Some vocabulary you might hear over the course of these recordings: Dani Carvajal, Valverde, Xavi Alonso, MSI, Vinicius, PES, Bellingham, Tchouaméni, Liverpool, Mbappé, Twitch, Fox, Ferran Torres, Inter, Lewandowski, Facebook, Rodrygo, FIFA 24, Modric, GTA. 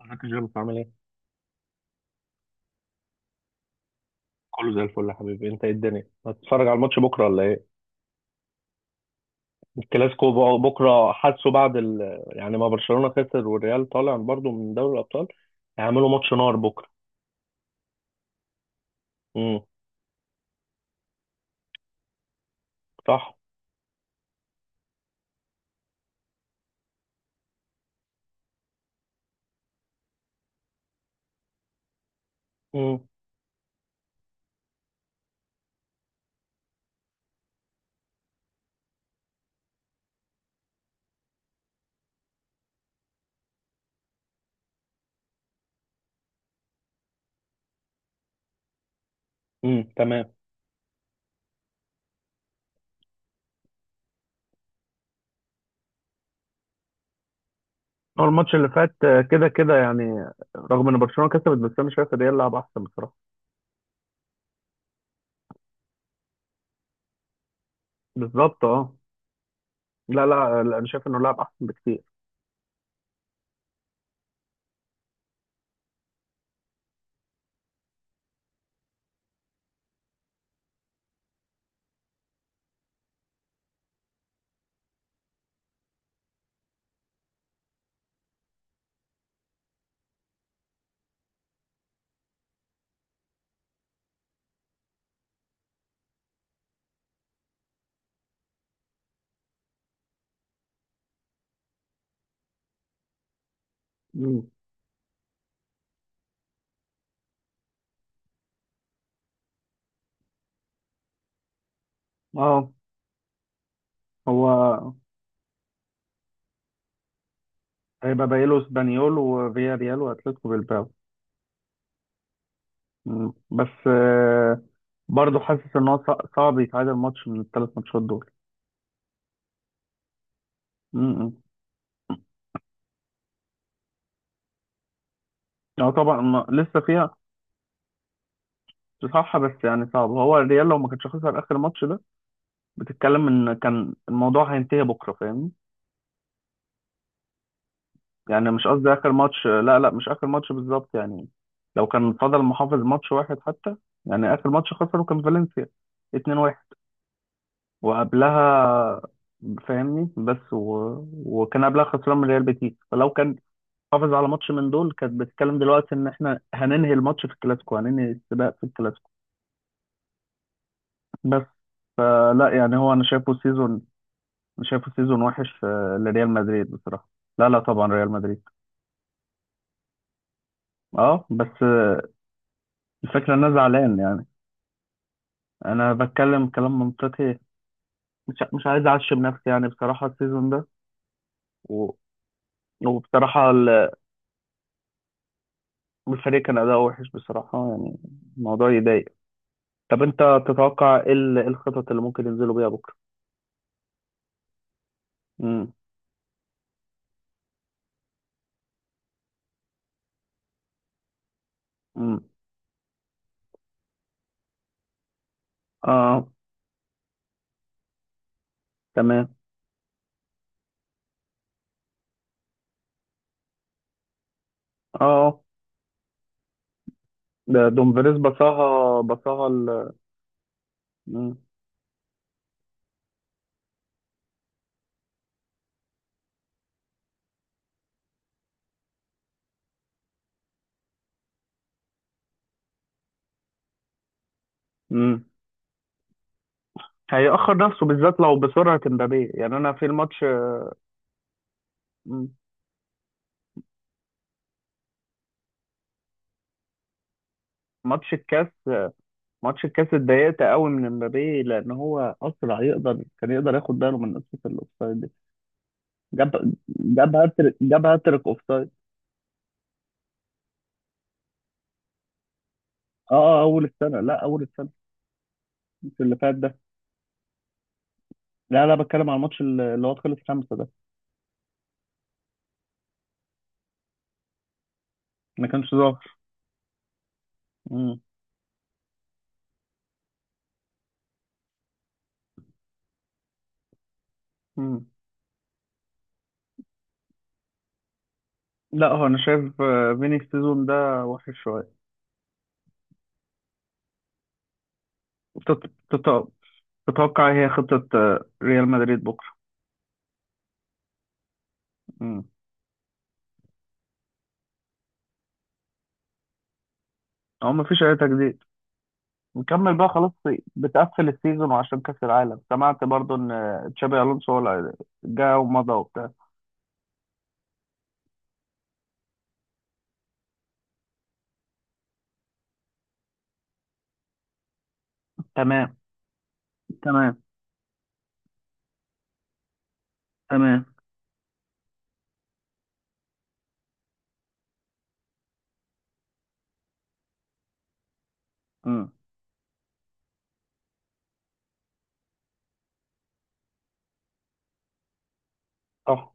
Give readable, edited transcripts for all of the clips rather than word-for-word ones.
ازيك يا جيمس عامل ايه؟ كله زي الفل يا حبيبي انت ايه الدنيا؟ هتتفرج على الماتش بكره ولا ايه؟ الكلاسيكو بكره حاسه بعد ال... يعني ما برشلونه خسر والريال طالع برضه من دوري الابطال، هيعملوا ماتش نار بكره. امم صح. امم تمام. هو الماتش اللي فات كده كده يعني، رغم ان برشلونه كسبت بس انا شايف الريال لعب احسن بصراحه. بالظبط اه. لا لا لا، انا شايف انه لعب احسن بكتير. مم. اه، هو هيبقى باقي له اسبانيول وفيا ريال واتلتيكو بالباو. مم. بس برضه حاسس ان هو صعب يتعادل ماتش من الثلاث ماتشات دول. امم اه طبعا، لسه فيها. صح بس يعني صعب، هو الريال لو ما كانش خسر اخر ماتش ده، بتتكلم ان كان الموضوع هينتهي بكره فاهمني. يعني مش قصدي اخر ماتش، لا لا مش اخر ماتش بالظبط يعني، لو كان فضل محافظ ماتش واحد حتى. يعني اخر ماتش خسره كان فالنسيا 2-1، وقبلها فاهمني وكان قبلها خسران من ريال بيتيس، فلو كان حافظ على ماتش من دول كانت بتتكلم دلوقتي ان احنا هننهي الماتش في الكلاسيكو، هننهي السباق في الكلاسيكو. بس فلا يعني هو انا شايفه سيزون، انا شايفه سيزون وحش لريال مدريد بصراحة. لا لا طبعا ريال مدريد. اه بس الفكرة ان انا زعلان يعني، انا بتكلم كلام منطقي، مش عايز اعشم نفسي يعني، بصراحة السيزون ده و... وبصراحة الفريق كان اداؤه وحش بصراحة يعني، الموضوع يضايق. طب انت تتوقع ايه إيه الخطط اللي ممكن ينزلوا بيها بكرة. امم امم اه تمام. اه اه. ده دومفريز بصاها، بصاها ال. مم. مم. هيأخر نفسه بالذات لو بسرعة امبابي، يعني انا في الماتش. مم. ماتش الكاس، ماتش الكاس اتضايقت قوي من امبابي لان هو اسرع، يقدر كان يقدر ياخد باله من قصة الاوفسايد دي. جاب جاب هاتريك، جاب هاتريك اوفسايد. اه اول السنة، لا اول السنة. مش اللي فات ده، لا لا بتكلم على الماتش اللي هو خلص خمسة ده. ما كانش ظاهر. مم. مم. لا هو انا شايف فيني السيزون ده وحش شوية. تط- تط- تتوقع إيه هي خطة ريال مدريد بكرة. مم. هو مفيش أي تجديد، نكمل بقى خلاص. بتقفل السيزون وعشان كأس العالم، سمعت برضو إن تشابي ألونسو هو اللي جه ومضى وبتاع. تمام تمام. تمام. مم. صح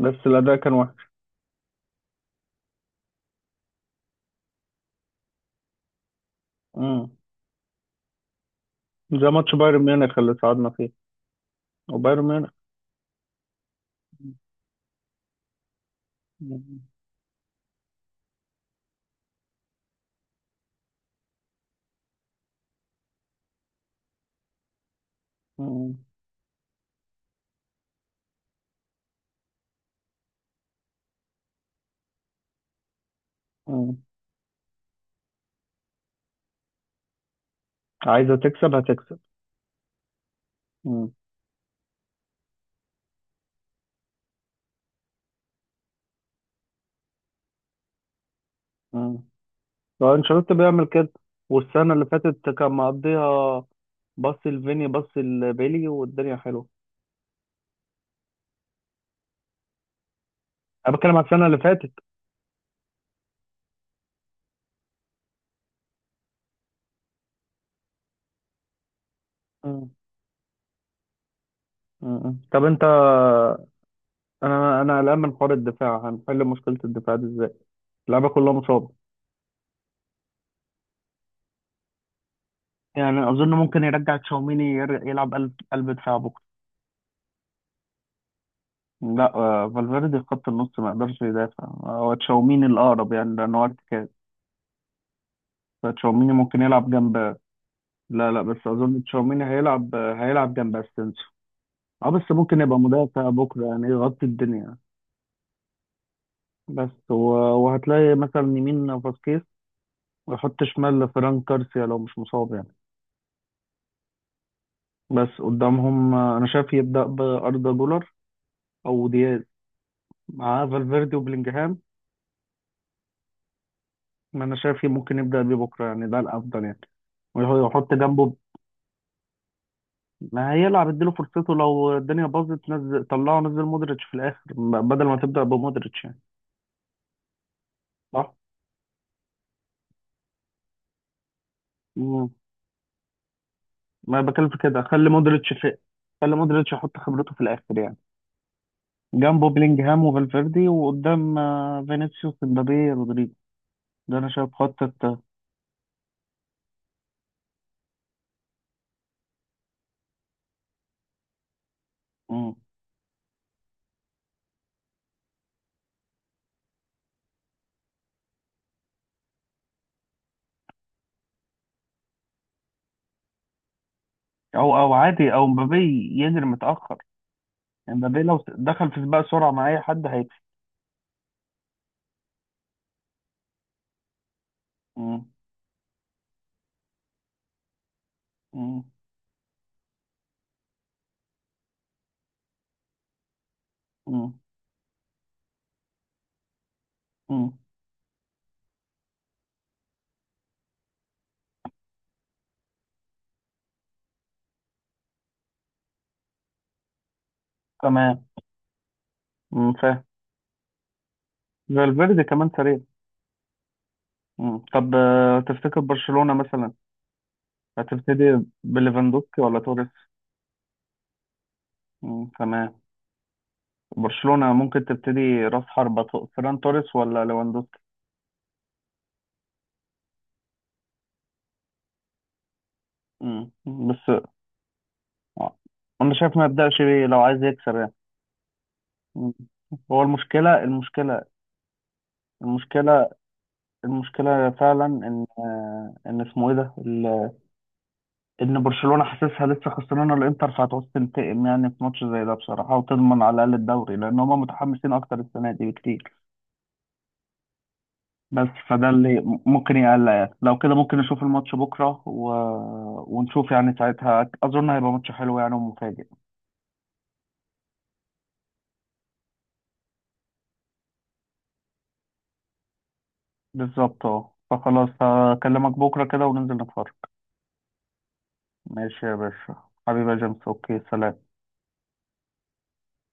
بس الأداء كان وحش. مم. زي ماتش بايرن ميونخ اللي صعدنا فيه، وبايرن ميونخ. مم. مم. مم. عايزة تكسب هتكسب. مم. مم. هو انشيلوتي بيعمل كده، والسنة اللي فاتت كان مقضيها. بص لفيني بص لبيلي والدنيا حلوة. انا بتكلم على السنة اللي فاتت. مم. مم. طب انت، انا انا قلقان من حوار الدفاع، هنحل مشكلة الدفاع دي ازاي، اللعيبة كلها مصابة. يعني اظن ممكن يرجع تشاوميني يلعب قلب دفاع بكرة. لا فالفيردي في خط النص ما يقدرش يدافع، هو تشاوميني الاقرب يعني لان هو ارتكاز. فتشاوميني ممكن يلعب جنب. لا لا بس اظن تشاوميني هيلعب جنب اسينسيو. اه بس ممكن يبقى مدافع بكره يعني يغطي الدنيا. بس و... وهتلاقي مثلا يمين فاسكيز، ويحط شمال فران كارسيا لو مش مصاب يعني. بس قدامهم انا شايف يبدا باردا جولر او دياز مع فالفيردي وبلينجهام. ما انا شايف ممكن يبدا بيه بكره يعني، ده الافضل يعني. ويحط جنبه. ما هيلعب اديله فرصته، لو الدنيا باظت نزل طلعه، نزل مودريتش في الاخر بدل ما تبدا بمودريتش يعني. صح؟ مم. ما بكلم في كده، خلي مودريتش في، خلي مودريتش يحط خبرته في الاخر يعني. جنبه بيلينجهام وفالفيردي، وقدام فينيسيوس امبابي رودريجو. ده انا شايف مم. او او عادي او امبابي يجري متاخر. امبابي لو دخل في سباق سرعه مع اي حد هيكسب. مم. مم. مم. مم. تمام. مم. فاهم. فالفيردي كمان سريع. مم. طب تفتكر برشلونه مثلا هتبتدي بليفاندوسكي ولا توريس. مم. تمام. برشلونه ممكن تبتدي، راس حربه فيران توريس ولا ليفاندوسكي. مم. بس انا شايف ما يبدأش بيه لو عايز يكسب يعني. مم. هو المشكلة المشكلة فعلا ان ان اسمه ايه ده ان برشلونة حاسسها لسه خسرانة الانتر، فهتعوز تنتقم يعني في ماتش زي ده بصراحة، وتضمن على الاقل الدوري لان هما متحمسين اكتر السنة دي بكتير. بس فده اللي ممكن يقلق يعني، لو كده ممكن نشوف الماتش بكرة ونشوف يعني، ساعتها اظن هيبقى ماتش حلو يعني ومفاجئ. بالظبط اه. فخلاص هكلمك بكرة كده وننزل نتفرج. ماشي يا باشا، حبيبي يا جيمس، اوكي سلام.